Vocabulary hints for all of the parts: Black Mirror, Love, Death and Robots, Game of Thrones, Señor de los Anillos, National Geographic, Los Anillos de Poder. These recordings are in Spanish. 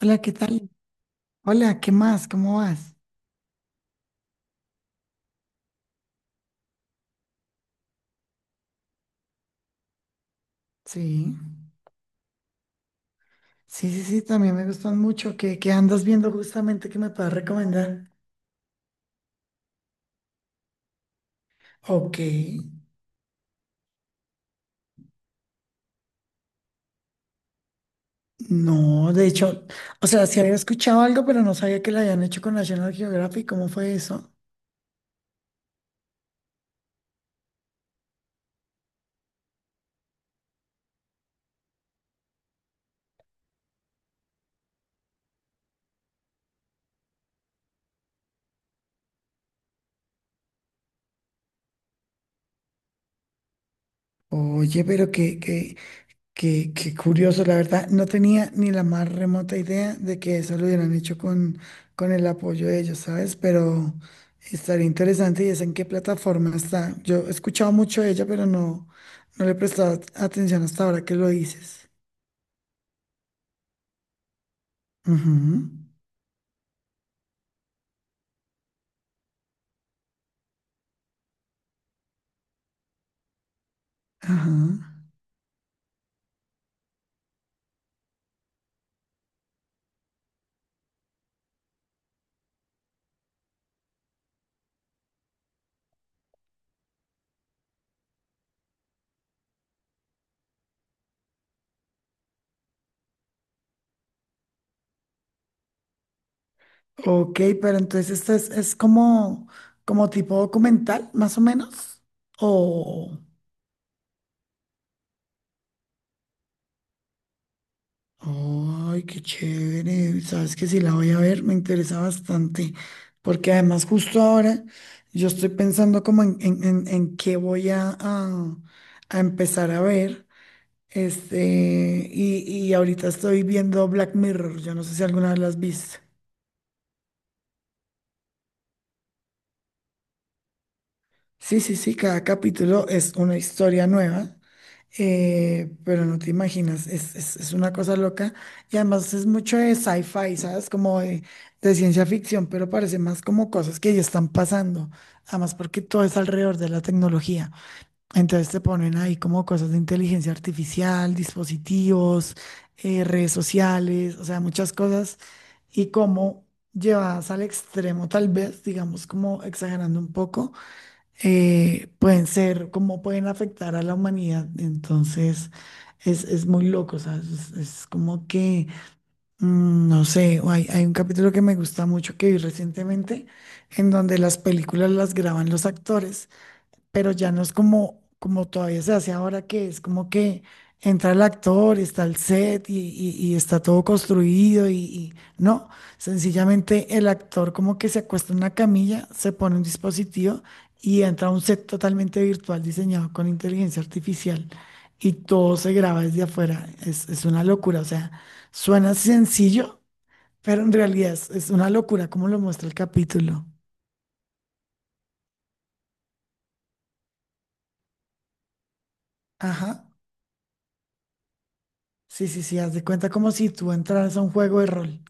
Hola, ¿qué tal? Hola, ¿qué más? ¿Cómo vas? Sí, sí, sí, sí, también me gustan mucho. ¿Qué andas viendo justamente que me puedas recomendar? Ok, no, de hecho, o sea, sí había escuchado algo, pero no sabía que lo habían hecho con National Geographic. ¿Cómo fue eso? Oye, pero qué curioso, la verdad, no tenía ni la más remota idea de que eso lo hubieran hecho con el apoyo de ellos, ¿sabes? Pero estaría interesante y es en qué plataforma está. Yo he escuchado mucho de ella, no le he prestado atención hasta ahora que lo dices. Ujú. Ajá. Ok, pero entonces esta es como, como tipo documental, más o menos. O. Ay, qué chévere. Sabes que sí la voy a ver, me interesa bastante. Porque además justo ahora yo estoy pensando como en qué voy a empezar a ver. Y ahorita estoy viendo Black Mirror. Yo no sé si alguna vez las viste. Sí, sí, sí, cada capítulo es una historia nueva. Pero no te imaginas, es una cosa loca. Y además es mucho de sci-fi, ¿sabes? Como de ciencia ficción, pero parece más como cosas que ya están pasando. Además porque todo es alrededor de la tecnología. Entonces te ponen ahí como cosas de inteligencia artificial, dispositivos, redes sociales, o sea, muchas cosas. Y como llevadas al extremo, tal vez, digamos, como exagerando un poco pueden ser, cómo pueden afectar a la humanidad. Entonces, es muy loco, ¿sabes? Es como que, mm, no sé, o hay un capítulo que me gusta mucho que vi recientemente, en donde las películas las graban los actores, pero ya no es como, como todavía se hace ahora, que es como que entra el actor, está el set y está todo construido y no, sencillamente el actor como que se acuesta en una camilla, se pone un dispositivo y entra a un set totalmente virtual diseñado con inteligencia artificial y todo se graba desde afuera. Es una locura, o sea, suena sencillo, pero en realidad es una locura como lo muestra el capítulo. Ajá. Sí, sí, sí, haz de cuenta como si tú entraras a un juego de rol,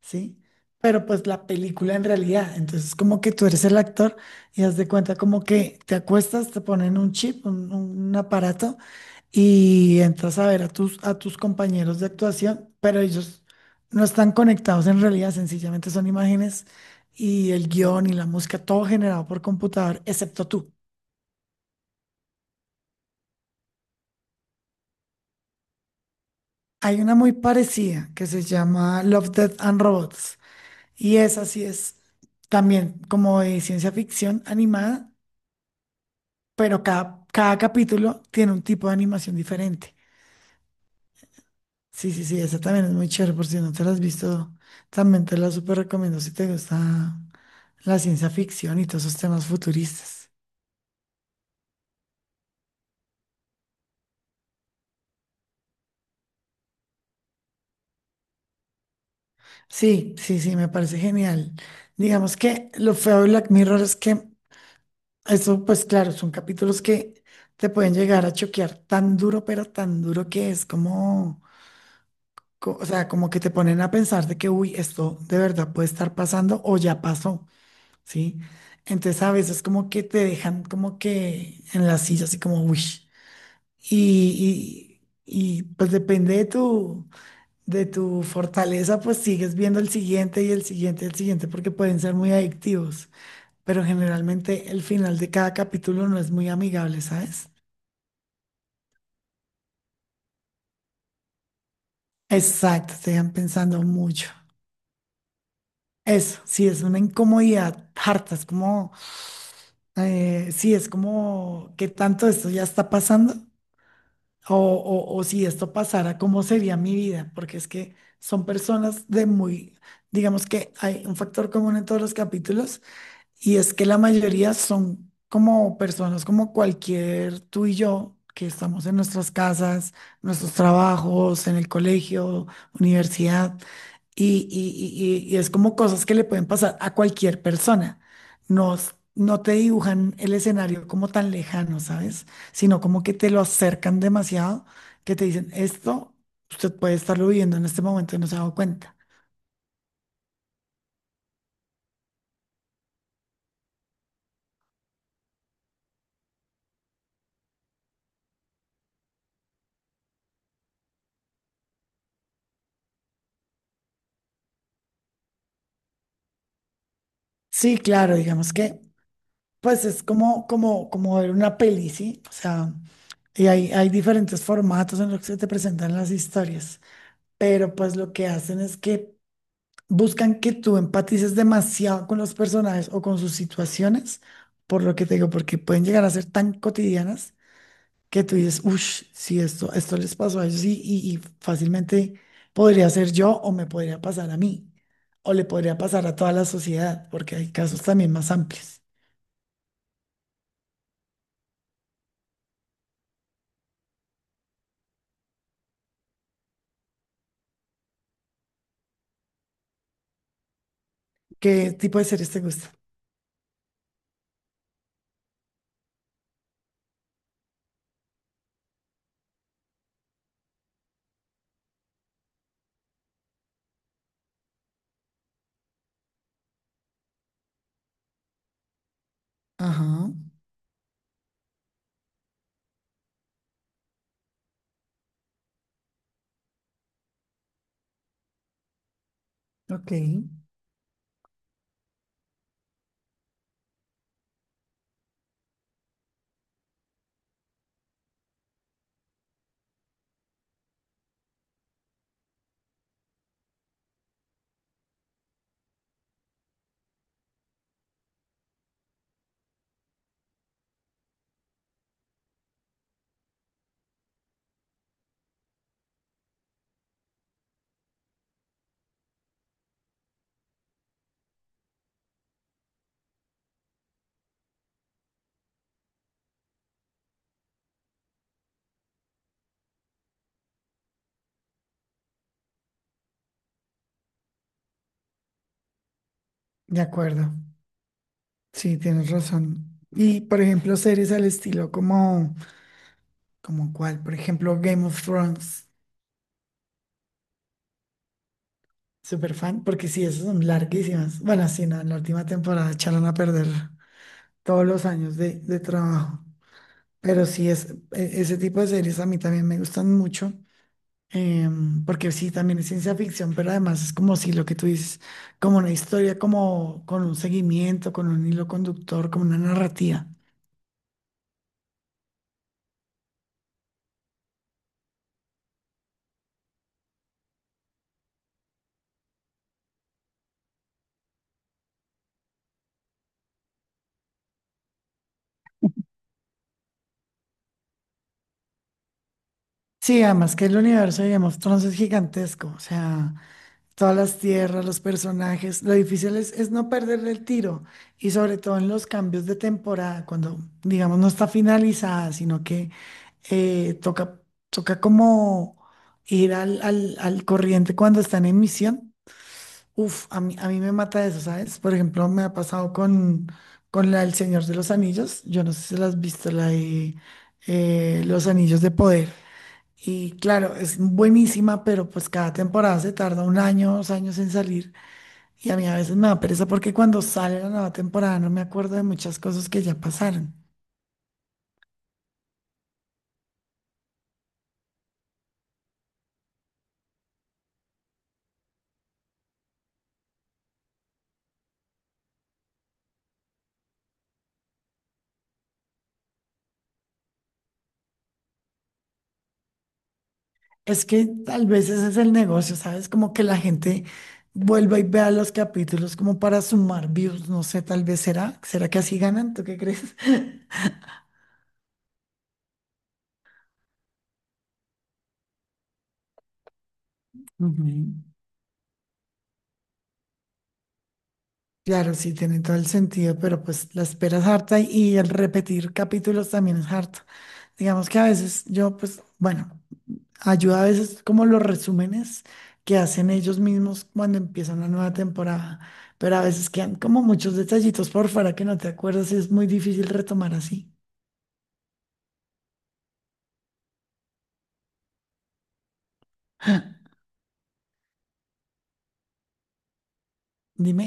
¿sí? Pero pues la película en realidad, entonces como que tú eres el actor y haz de cuenta como que te acuestas, te ponen un chip, un aparato y entras a ver a tus compañeros de actuación, pero ellos no están conectados en realidad, sencillamente son imágenes y el guión y la música, todo generado por computador, excepto tú. Hay una muy parecida que se llama Love, Death and Robots. Y esa sí es también como de ciencia ficción animada, pero cada capítulo tiene un tipo de animación diferente. Sí, sí, sí, esa también es muy chévere, por si no te la has visto, también te la súper recomiendo si te gusta la ciencia ficción y todos esos temas futuristas. Sí, sí, sí, me parece genial. Digamos que lo feo de Black Mirror es que eso, pues claro, son capítulos que te pueden llegar a choquear tan duro, pero tan duro que es como co- O sea, como que te ponen a pensar de que, uy, esto de verdad puede estar pasando o ya pasó, ¿sí? Entonces a veces como que te dejan como que en la silla, así como, uy. Y, pues depende de de tu fortaleza, pues sigues viendo el siguiente y el siguiente y el siguiente porque pueden ser muy adictivos. Pero generalmente el final de cada capítulo no es muy amigable, ¿sabes? Exacto, te dejan pensando mucho. Eso, sí, es una incomodidad harta, es como sí, es como que tanto esto ya está pasando o si esto pasara, ¿cómo sería mi vida? Porque es que son personas de muy, digamos que hay un factor común en todos los capítulos y es que la mayoría son como personas como cualquier tú y yo, que estamos en nuestras casas, nuestros trabajos, en el colegio, universidad, y es como cosas que le pueden pasar a cualquier persona. No, s- no te dibujan el escenario como tan lejano, ¿sabes? Sino como que te lo acercan demasiado, que te dicen, esto usted puede estarlo viviendo en este momento y no se ha dado cuenta. Sí, claro, digamos que pues es como, como, como ver una peli, ¿sí? O sea, y hay diferentes formatos en los que se te presentan las historias, pero pues lo que hacen es que buscan que tú empatices demasiado con los personajes o con sus situaciones, por lo que te digo, porque pueden llegar a ser tan cotidianas que tú dices, uff, si esto, esto les pasó a ellos y fácilmente podría ser yo o me podría pasar a mí, o le podría pasar a toda la sociedad, porque hay casos también más amplios. ¿Qué tipo de series te gusta? Ajá, ok, de acuerdo. Sí, tienes razón. Y por ejemplo, series al estilo como, como cuál, por ejemplo, Game of Thrones, super fan, porque sí, esas son larguísimas. Bueno, sí, no, en la última temporada echaron a perder todos los años de trabajo. Pero sí, es, e- ese tipo de series a mí también me gustan mucho, em, porque sí, también es ciencia ficción, pero además es como si lo que tú dices, como una historia, como con un seguimiento, con un hilo conductor, como una narrativa. Sí, además que el universo de Game of Thrones es gigantesco, o sea, todas las tierras, los personajes, lo difícil es no perderle el tiro y sobre todo en los cambios de temporada, cuando digamos no está finalizada, sino que eh, toca, toca como ir al corriente cuando están en misión. Uf, a mí me mata eso, ¿sabes? Por ejemplo, me ha pasado con la del Señor de los Anillos, yo no sé si la has visto, la de Los Anillos de Poder. Y claro, es buenísima, pero pues cada temporada se tarda un año, 2 años en salir. Y a mí a veces me da pereza porque cuando sale la nueva temporada no me acuerdo de muchas cosas que ya pasaron. Es que tal vez ese es el negocio, ¿sabes? Como que la gente vuelva y vea los capítulos como para sumar views, no sé, tal vez será. ¿Será que así ganan? ¿Tú qué crees? Ujú. Claro, sí, tiene todo el sentido, pero pues la espera es harta y el repetir capítulos también es harto. Digamos que a veces yo, pues, bueno. Ayuda a veces como los resúmenes que hacen ellos mismos cuando empieza una nueva temporada, pero a veces quedan como muchos detallitos por fuera que no te acuerdas y es muy difícil retomar así. Dime.